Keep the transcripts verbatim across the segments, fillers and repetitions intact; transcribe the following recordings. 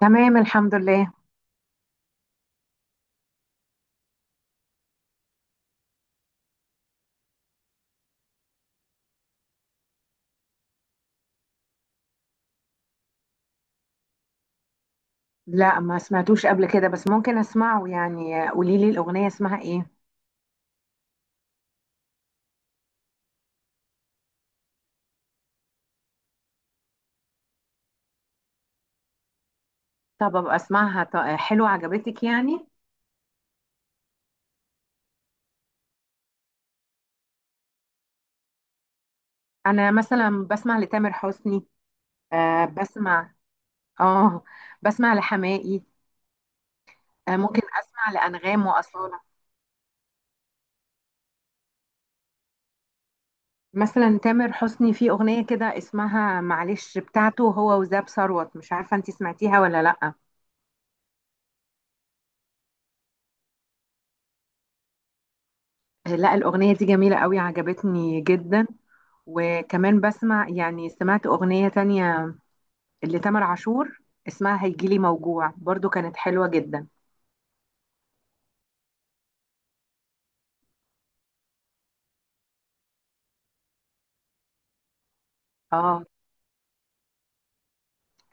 تمام الحمد لله. لا، ما سمعتوش قبل كده بس ممكن اسمعه، يعني قولي لي الاغنيه اسمها ايه؟ طب ابقى اسمعها، ط- حلوه عجبتك يعني؟ انا مثلا بسمع لتامر حسني. آه بسمع. اه بسمع لحماقي. آه ممكن اسمع لانغام واصاله. مثلا تامر حسني في اغنيه كده اسمها معلش بتاعته هو وزاب ثروت، مش عارفه انت سمعتيها ولا لا. آه، لا الاغنيه دي جميله قوي، عجبتني جدا. وكمان بسمع، يعني سمعت اغنيه تانية اللي تامر عاشور اسمها هيجيلي موجوع، برضو كانت حلوة جدا. اه،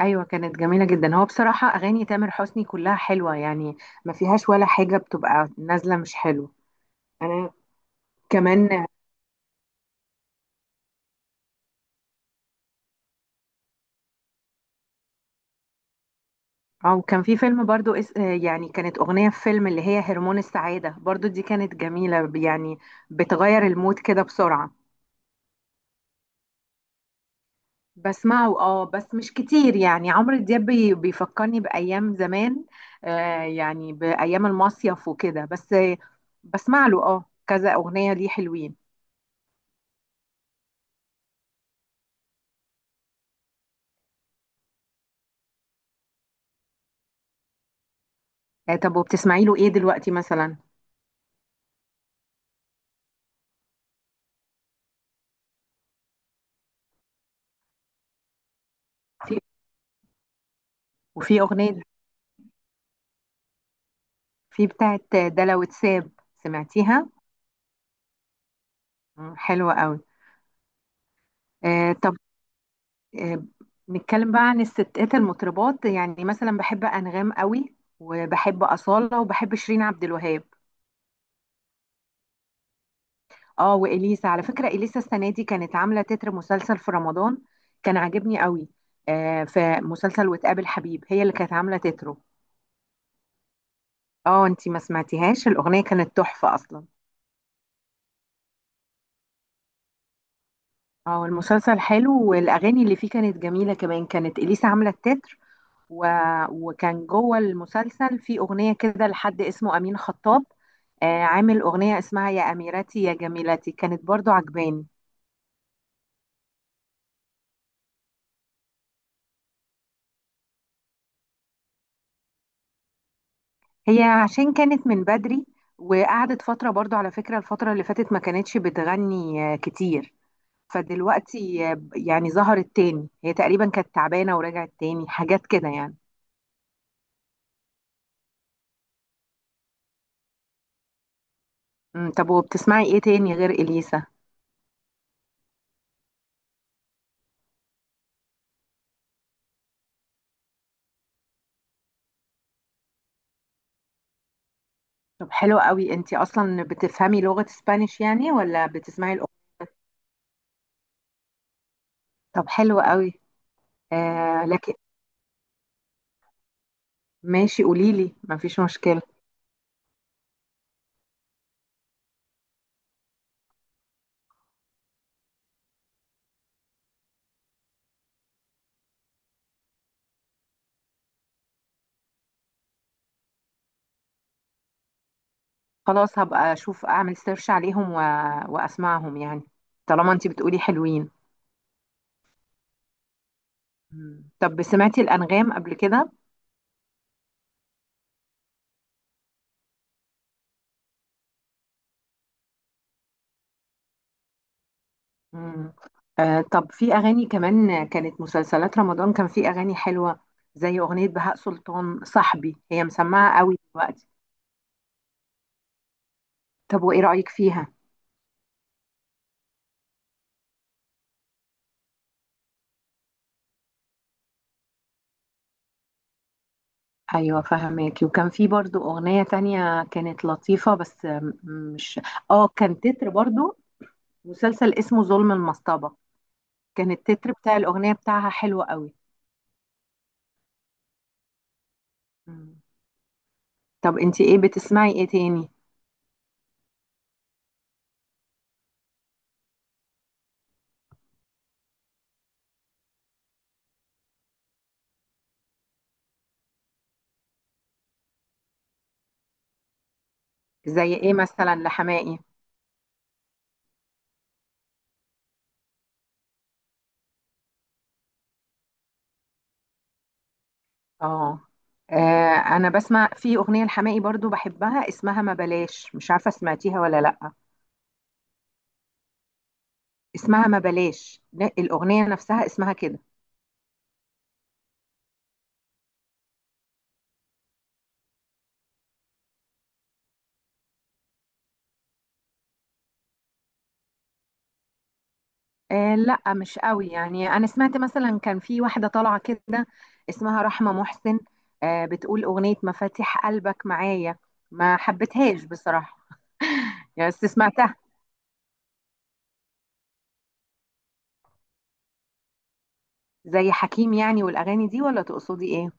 ايوه كانت جميلة جدا. هو بصراحة اغاني تامر حسني كلها حلوة يعني، ما فيهاش ولا حاجة بتبقى نازلة مش حلوة. انا. كمان. او كان في فيلم برضو اس... آه، يعني كانت اغنية في فيلم اللي هي هرمون السعادة برضو، دي كانت جميلة يعني، بتغير المود كده بسرعة. بسمعه، اه بس مش كتير يعني. عمرو دياب بي- بيفكرني بأيام زمان، آه يعني بأيام المصيف وكده بس آه بسمع له، اه كذا أغنية ليه حلوين. آه طب، وبتسمعي له ايه دلوقتي مثلا؟ في وفي أغنية في بتاعت دلع وتساب، سمعتيها؟ مم، حلوة قوي. آه طب. آه نتكلم بقى عن الستات المطربات، يعني مثلا بحب أنغام قوي، وبحب أصالة، وبحب شيرين عبد الوهاب. اه، واليسا على فكره، اليسا السنه دي كانت عامله تتر مسلسل في رمضان، كان عاجبني قوي. آه، في مسلسل وتقابل حبيب، هي اللي كانت عامله تتره. اه انتي ما سمعتيهاش؟ الاغنيه كانت تحفه اصلا. اه، المسلسل حلو، والاغاني اللي فيه كانت جميله كمان، كانت اليسا عامله التتر. و... وكان جوه المسلسل في اغنيه كده لحد اسمه امين خطاب، آه عامل اغنيه اسمها يا اميرتي يا جميلتي، كانت برضو عجباني. هي عشان كانت من بدري، وقعدت فترة برضو على فكرة، الفترة اللي فاتت ما كانتش بتغني آه، كتير. فدلوقتي آه، يعني ظهرت تاني، هي تقريبا كانت تعبانة ورجعت تاني حاجات كده يعني. أمم، طب وبتسمعي ايه تاني غير إليسا؟ طب حلو قوي، انتي اصلا بتفهمي لغة اسبانيش يعني ولا بتسمعي الأغنية؟ طب حلو قوي. آه لكن ماشي، قوليلي، مفيش مشكلة. خلاص هبقى اشوف اعمل سيرش عليهم و... واسمعهم يعني، طالما انتي بتقولي حلوين. مم. طب سمعتي الأنغام قبل كده؟ مم. آه طب، في أغاني كمان كانت مسلسلات رمضان، كان في أغاني حلوة، زي أغنية بهاء سلطان صاحبي، هي مسمعة قوي دلوقتي. طب وإيه رأيك فيها؟ أيوة فهماكي. وكان في برضو أغنية تانية كانت لطيفة بس آم، مش آه كان تتر برضو مسلسل اسمه ظلم المصطبة، كان التتر بتاع الأغنية بتاعها حلوة قوي. مم. طب انتي ايه بتسمعي ايه تاني؟ زي ايه مثلا لحماقي؟ اه. آه، انا بسمع في اغنيه لحماقي برضو بحبها اسمها ما بلاش، مش عارفه سمعتيها ولا لا. اسمها ما بلاش، لا، الاغنيه نفسها اسمها كده. آه لا، مش قوي يعني، انا سمعت مثلا كان في واحده طالعه كده اسمها رحمه محسن، آه بتقول اغنيه مفاتيح قلبك معايا، ما حبيتهاش بصراحه. يعني بس سمعتها زي حكيم يعني، والاغاني دي، ولا تقصدي ايه؟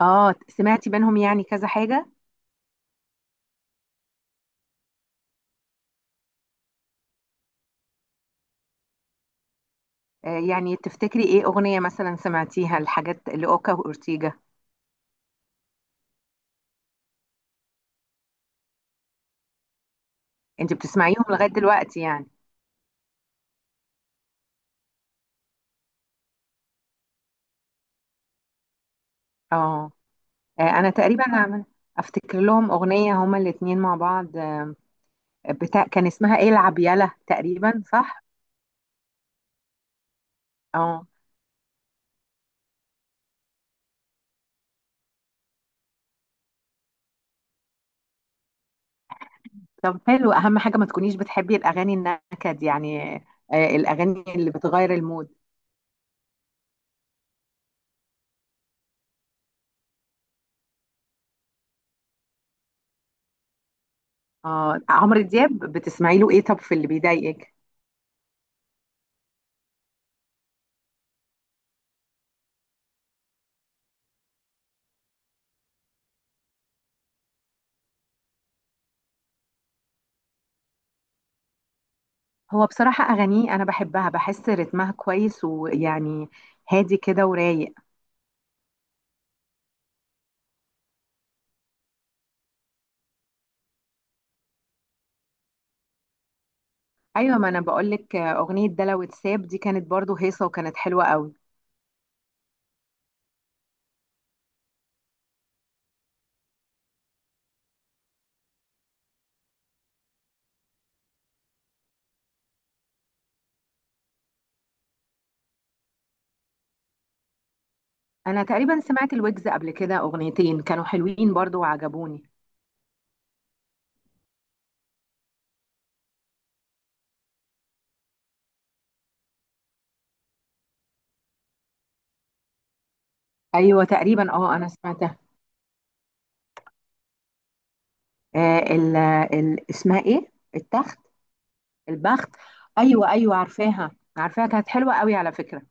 اه سمعتي بينهم يعني كذا حاجه. آه، يعني تفتكري ايه اغنية مثلا سمعتيها لحاجات لأوكا وأورتيجا؟ انت بتسمعيهم لغاية دلوقتي يعني؟ اه. آه، انا تقريبا عمل افتكر لهم اغنية هما الاتنين مع بعض، آه، بتاع كان اسمها ايه، العب يالا تقريبا صح؟ اه. طب حلو، اهم حاجة ما تكونيش بتحبي الاغاني النكد يعني، آه، الاغاني اللي بتغير المود. اه عمرو دياب بتسمعي له ايه، طب في اللي بيضايقك؟ هو بصراحة اغانيه انا بحبها، بحس رتمها كويس، ويعني هادي كده ورايق. ايوه، ما انا بقول لك، اغنيه ده لو اتساب دي كانت برضو هيصه وكانت حلوه قوي. انا تقريبا سمعت الويجز قبل كده اغنيتين كانوا حلوين برضو وعجبوني. ايوه تقريبا، اه انا سمعتها. آه ال ال اسمها ايه، التخت؟ البخت. ايوه ايوه، عارفاها عارفاها كانت حلوه قوي على فكره.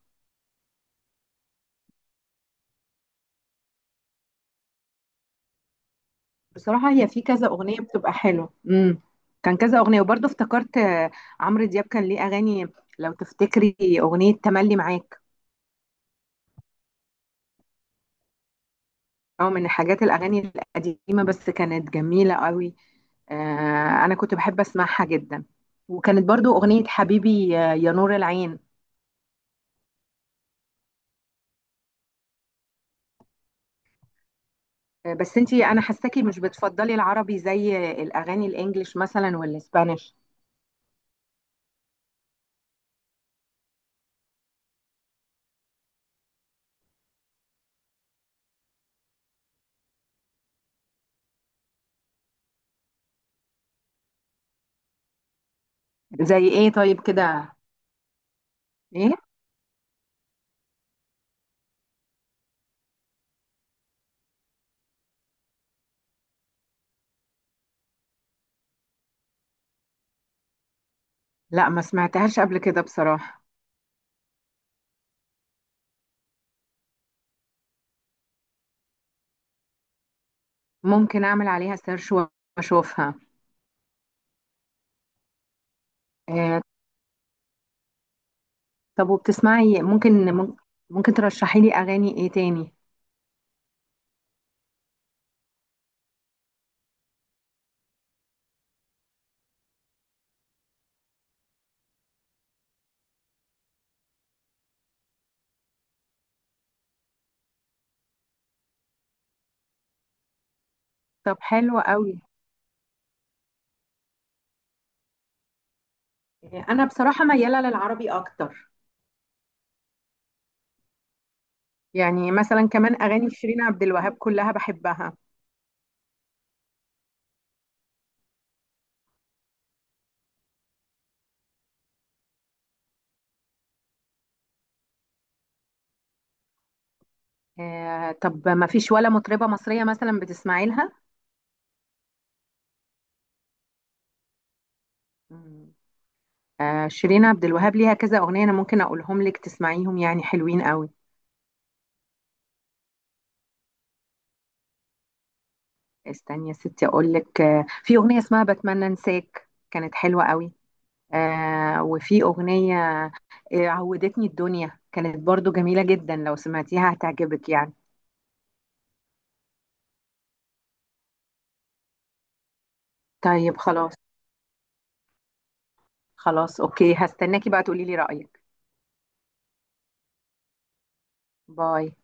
بصراحه هي في كذا اغنيه بتبقى حلوه. امم كان كذا اغنيه، وبرضو افتكرت آه، عمرو دياب كان ليه اغاني، لو تفتكري اغنيه تملي معاك. اه، من حاجات الاغاني القديمه بس كانت جميله قوي، آه، انا كنت بحب اسمعها جدا. وكانت برضو اغنية حبيبي آه، يا نور العين. آه، بس انتي انا حاساكي مش بتفضلي العربي زي الاغاني الانجليش مثلا والاسبانيش. زي ايه طيب كده؟ ايه؟ لا ما سمعتهاش قبل كده بصراحة. ممكن اعمل عليها سيرش واشوفها. آه، طب وبتسمعي ممكن ممكن ممكن ترشحي لي اغاني ايه تاني؟ طب حلو قوي. آه، انا بصراحة ميالة للعربي اكتر، يعني مثلا كمان اغاني شيرين عبد الوهاب كلها بحبها. آه طب ما فيش ولا مطربة مصرية مثلا بتسمعي لها؟ مم. آه شيرين عبد الوهاب ليها كذا أغنية، أنا ممكن أقولهم لك تسمعيهم، يعني حلوين قوي. استني يا ستي أقول لك، آه في أغنية اسمها بتمنى أنساك، كانت حلوة قوي. آه وفي أغنية آه عودتني الدنيا، كانت برضو جميلة جدا، لو سمعتيها هتعجبك يعني. طيب خلاص. خلاص أوكي، هستناكي بقى تقولي لي رأيك. باي.